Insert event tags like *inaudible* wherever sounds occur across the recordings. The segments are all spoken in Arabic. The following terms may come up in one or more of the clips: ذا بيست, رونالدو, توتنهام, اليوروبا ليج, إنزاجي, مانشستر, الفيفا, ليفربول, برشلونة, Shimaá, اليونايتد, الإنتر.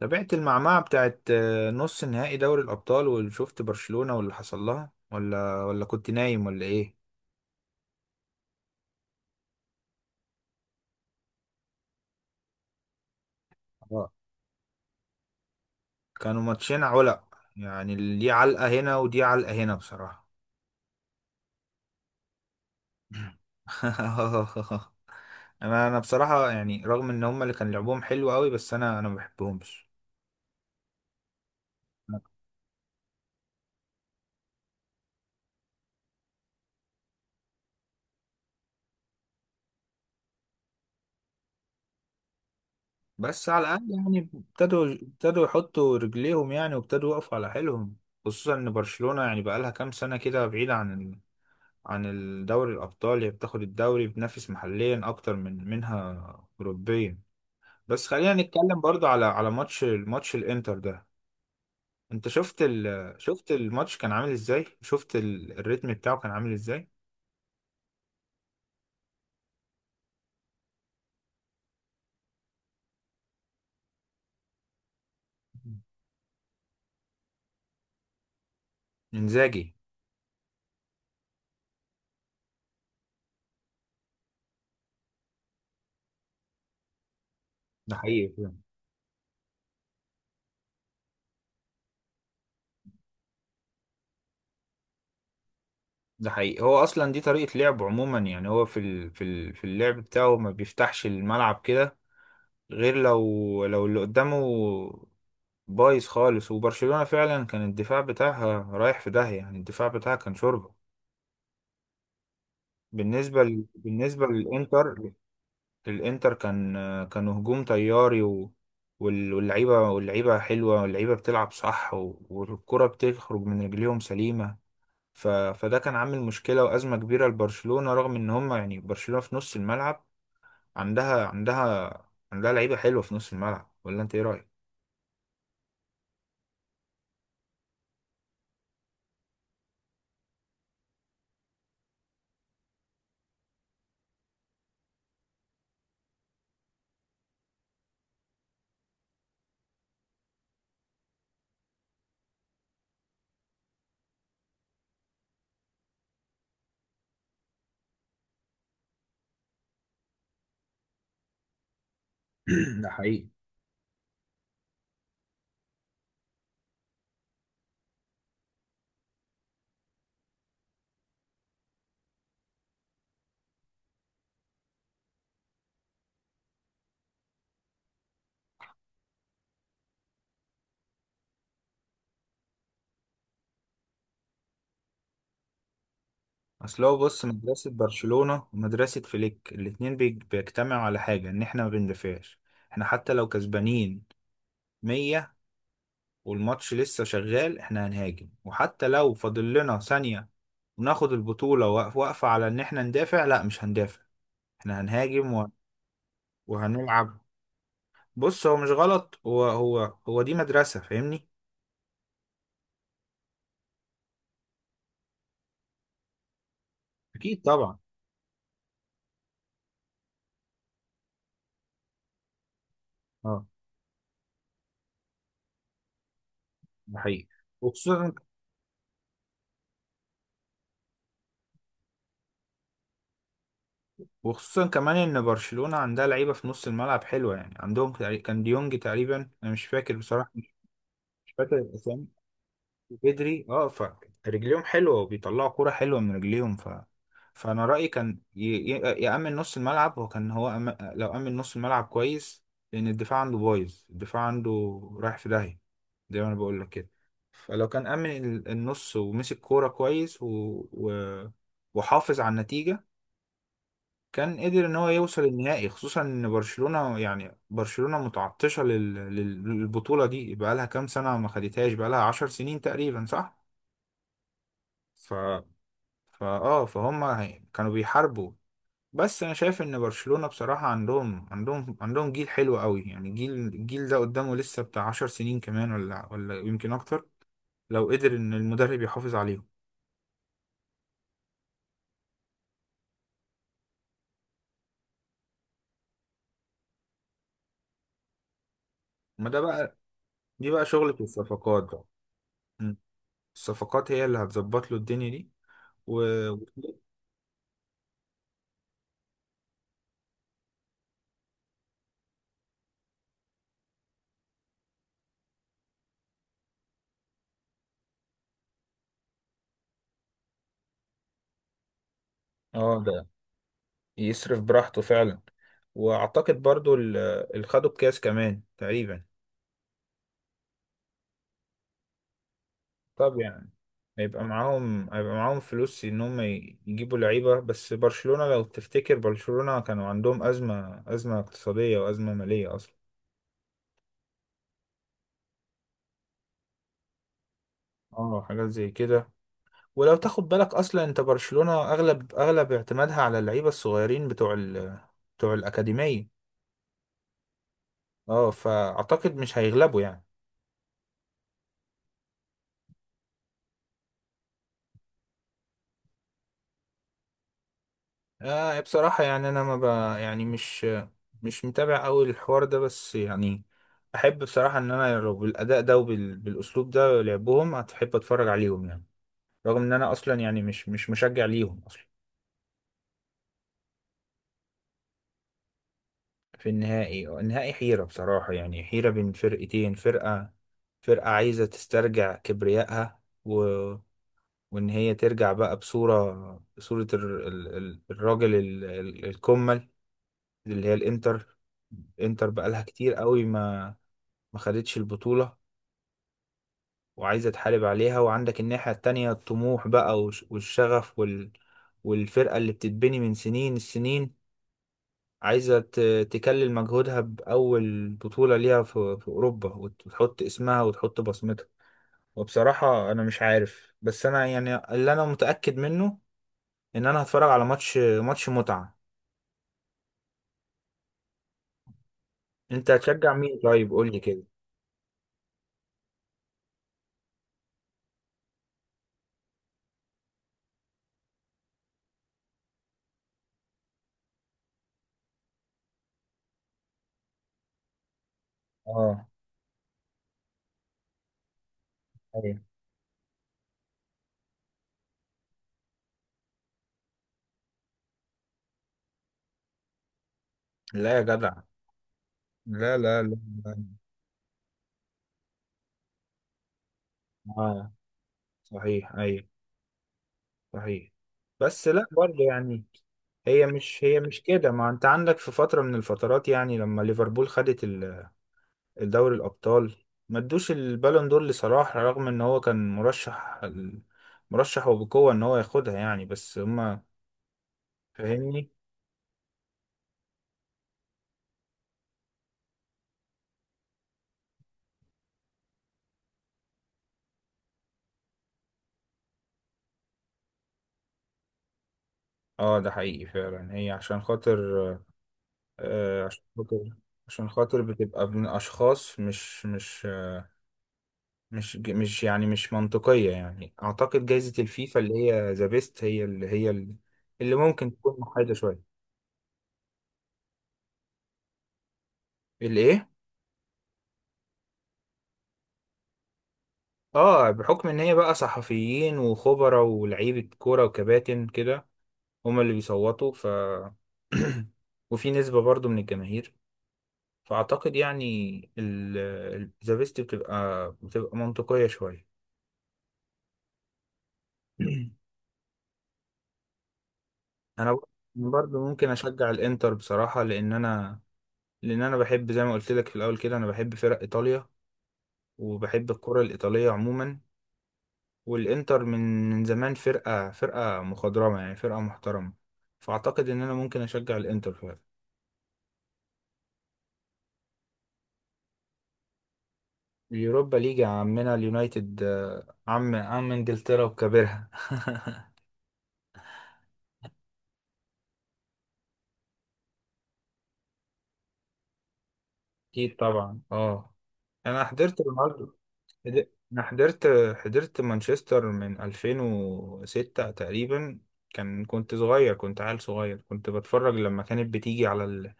تابعت المعمعة بتاعت نص نهائي دوري الأبطال وشفت برشلونة واللي حصل لها ولا كنت نايم ولا إيه؟ اه، كانوا ماتشين علق، يعني دي علقة هنا ودي علقة هنا بصراحة. *laughs* أنا بصراحة يعني رغم إن هما اللي كان لعبهم حلو قوي، بس أنا ما بحبهمش. بس على الأقل يعني ابتدوا يحطوا رجليهم يعني، وابتدوا يقفوا على حيلهم. خصوصا إن برشلونة يعني بقالها كام سنة كده بعيدة عن الدوري الأبطال، هي بتاخد الدوري بتنافس محليا أكتر منها أوروبيا. بس خلينا نتكلم برضو على ماتش الإنتر ده. شفت الماتش كان عامل إزاي؟ الريتم بتاعه كان عامل إزاي؟ إنزاجي. ده حقيقي فعلا. ده حقيقي، هو أصلا دي طريقة لعبه عموما، يعني هو في اللعب بتاعه ما بيفتحش الملعب كده، غير لو اللي قدامه بايظ خالص. وبرشلونة فعلا كان الدفاع بتاعها رايح في داهية، يعني الدفاع بتاعها كان شوربة. بالنسبة للإنتر، الإنتر كانوا هجوم طياري و... واللعيبة حلوة، واللعيبة بتلعب صح، و... والكرة بتخرج من رجليهم سليمة. فده كان عامل مشكلة وأزمة كبيرة لبرشلونة، رغم إن هم يعني برشلونة في نص الملعب عندها عندها عندها لعيبة حلوة في نص الملعب. ولا أنت إيه رأيك؟ *clears throat* ده حقيقي. اصل هو بص، مدرسة برشلونة ومدرسة فليك الاتنين بيجتمعوا على حاجة، ان احنا ما بندافعش. احنا حتى لو كسبانين مية والماتش لسه شغال، احنا هنهاجم. وحتى لو فاضل لنا ثانية وناخد البطولة، واقفة على ان احنا ندافع. لا، مش هندافع، احنا هنهاجم و- وهنلعب. بص هو مش غلط، هو دي مدرسة فاهمني. اكيد طبعا، اه ده حقيقي. وخصوصا، كمان ان برشلونة عندها لعيبة في نص الملعب حلوة، يعني عندهم كان ديونج تقريبا، انا مش فاكر بصراحة، مش فاكر الاسامي. وبدري اه، فرجليهم حلوة وبيطلعوا كورة حلوة من رجليهم. فانا رأيي كان يأمن نص الملعب، وكان هو لو أمن نص الملعب كويس، لان الدفاع عنده بايظ، الدفاع عنده رايح في داهية زي ما انا بقول لك كده. فلو كان أمن النص ومسك كورة كويس و... و... وحافظ على النتيجة، كان قدر ان هو يوصل النهائي. خصوصا ان برشلونة يعني برشلونة متعطشة للبطولة دي، بقالها كام سنة ما خدتهاش، بقالها 10 سنين تقريبا صح. ف فا اه فهم كانوا بيحاربوا. بس انا شايف ان برشلونة بصراحة عندهم جيل حلو قوي، يعني الجيل ده قدامه لسه بتاع 10 سنين كمان، ولا يمكن اكتر، لو قدر ان المدرب يحافظ عليهم. ما ده بقى، دي بقى شغلة الصفقات بقى. مم. الصفقات هي اللي هتظبط له الدنيا دي و... اه ده يصرف براحته فعلا. واعتقد برضو اللي خدوا الكاس كمان تقريبا. طب يعني هيبقى معاهم فلوس ان هم يجيبوا لعيبه. بس برشلونه لو تفتكر برشلونه كانوا عندهم ازمه اقتصاديه وازمه ماليه اصلا. اه حاجات زي كده. ولو تاخد بالك اصلا انت برشلونه اغلب اعتمادها على اللعيبه الصغيرين بتوع الاكاديميه. اه فاعتقد مش هيغلبوا يعني. آه بصراحة يعني أنا ما ب... يعني مش متابع أوي الحوار ده. بس يعني أحب بصراحة إن أنا لو بالأداء ده بالأسلوب ده لعبهم هتحب أتفرج عليهم يعني، رغم إن أنا أصلا يعني مش مشجع ليهم أصلا. في النهائي، حيرة بصراحة، يعني حيرة بين فرقتين. فرقة عايزة تسترجع كبريائها و... وإن هي ترجع بقى بصورة، الراجل الكمل، اللي هي الانتر. انتر بقالها كتير قوي ما خدتش البطولة، وعايزة تحارب عليها. وعندك الناحية التانية الطموح بقى والشغف والفرقة اللي بتتبني من السنين، عايزة تكلل مجهودها بأول بطولة ليها في أوروبا، وتحط اسمها وتحط بصمتها. وبصراحة أنا مش عارف، بس أنا يعني اللي أنا متأكد منه إن أنا هتفرج على ماتش متعة. أنت هتشجع مين طيب؟ قول لي كده. اه، ايوه. لا يا جدع. لا. لا. اه صحيح، ايوه صحيح. بس لا برضه يعني، هي مش كده، ما انت عندك في فترة من الفترات يعني لما ليفربول خدت الدوري الأبطال، ما ادوش البالون دور لصلاح، رغم ان هو كان مرشح، وبقوة ان هو ياخدها يعني. بس هما فاهمني. اه ده حقيقي فعلا، هي عشان خاطر. آه عشان خاطر، عشان خاطر بتبقى من اشخاص مش يعني مش منطقية. يعني أعتقد جايزة الفيفا اللي هي ذا بيست هي اللي ممكن تكون محايدة شوية. الإيه؟ آه، بحكم إن هي بقى صحفيين وخبراء ولاعيبة كورة وكباتن كده، هما اللي بيصوتوا. ف *clears throat* وفي نسبة برضو من الجماهير، فأعتقد يعني ذا بيست بتبقى منطقية شوية. *clears throat* أنا برضو ممكن أشجع الإنتر بصراحة، لأن أنا بحب زي ما قلت لك في الأول كده. أنا بحب فرق إيطاليا، وبحب الكرة الإيطالية عموما. والإنتر من زمان فرقة، مخضرمة، يعني فرقة محترمة. فأعتقد إن أنا ممكن أشجع الإنتر فعلا. اليوروبا ليج يا عمنا، اليونايتد عم إنجلترا وكبرها. *laughs* أكيد طبعا، أه. أنا حضرت رونالدو. حد- انا حضرت حضرت مانشستر من 2006 تقريبا. كنت صغير، كنت عيل صغير، كنت بتفرج لما كانت بتيجي على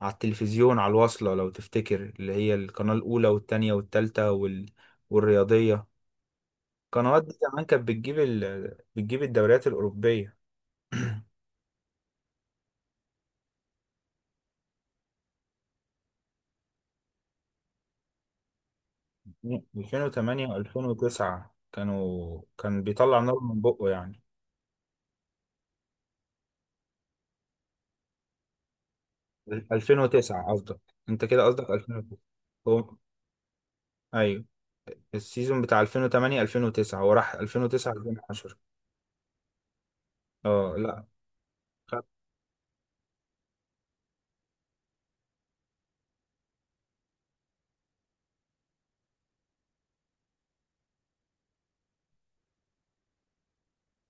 على التلفزيون، على الواصلة لو تفتكر، اللي هي القناة الأولى والتانية والتالتة والرياضية. القنوات دي زمان كانت بتجيب الدوريات الأوروبية. 2008 و2009. كان بيطلع نار من بقه يعني. 2009 قصدك؟ انت كده قصدك 2009. هو- ايوه، السيزون بتاع 2008 2009، هو راح 2009 2010. اه لا، خد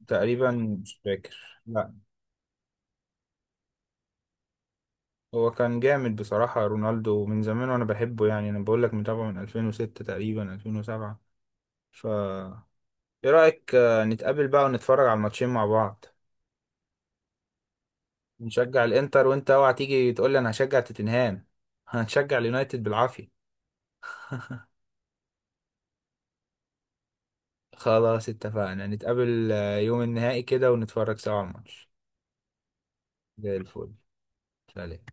تقريبا، مش فاكر لا. هو كان جامد بصراحة رونالدو من زمان، وانا بحبه يعني. انا بقول لك متابعه من 2006 تقريبا 2007. ف ايه رأيك نتقابل بقى ونتفرج على الماتشين مع بعض؟ نشجع الانتر، وانت اوعى تيجي تقول لي انا هشجع توتنهام. *laughs* هنشجع اليونايتد بالعافية. *laughs* خلاص اتفقنا، نتقابل يوم النهائي كده ونتفرج سوا على الماتش. زي الفل. سلام.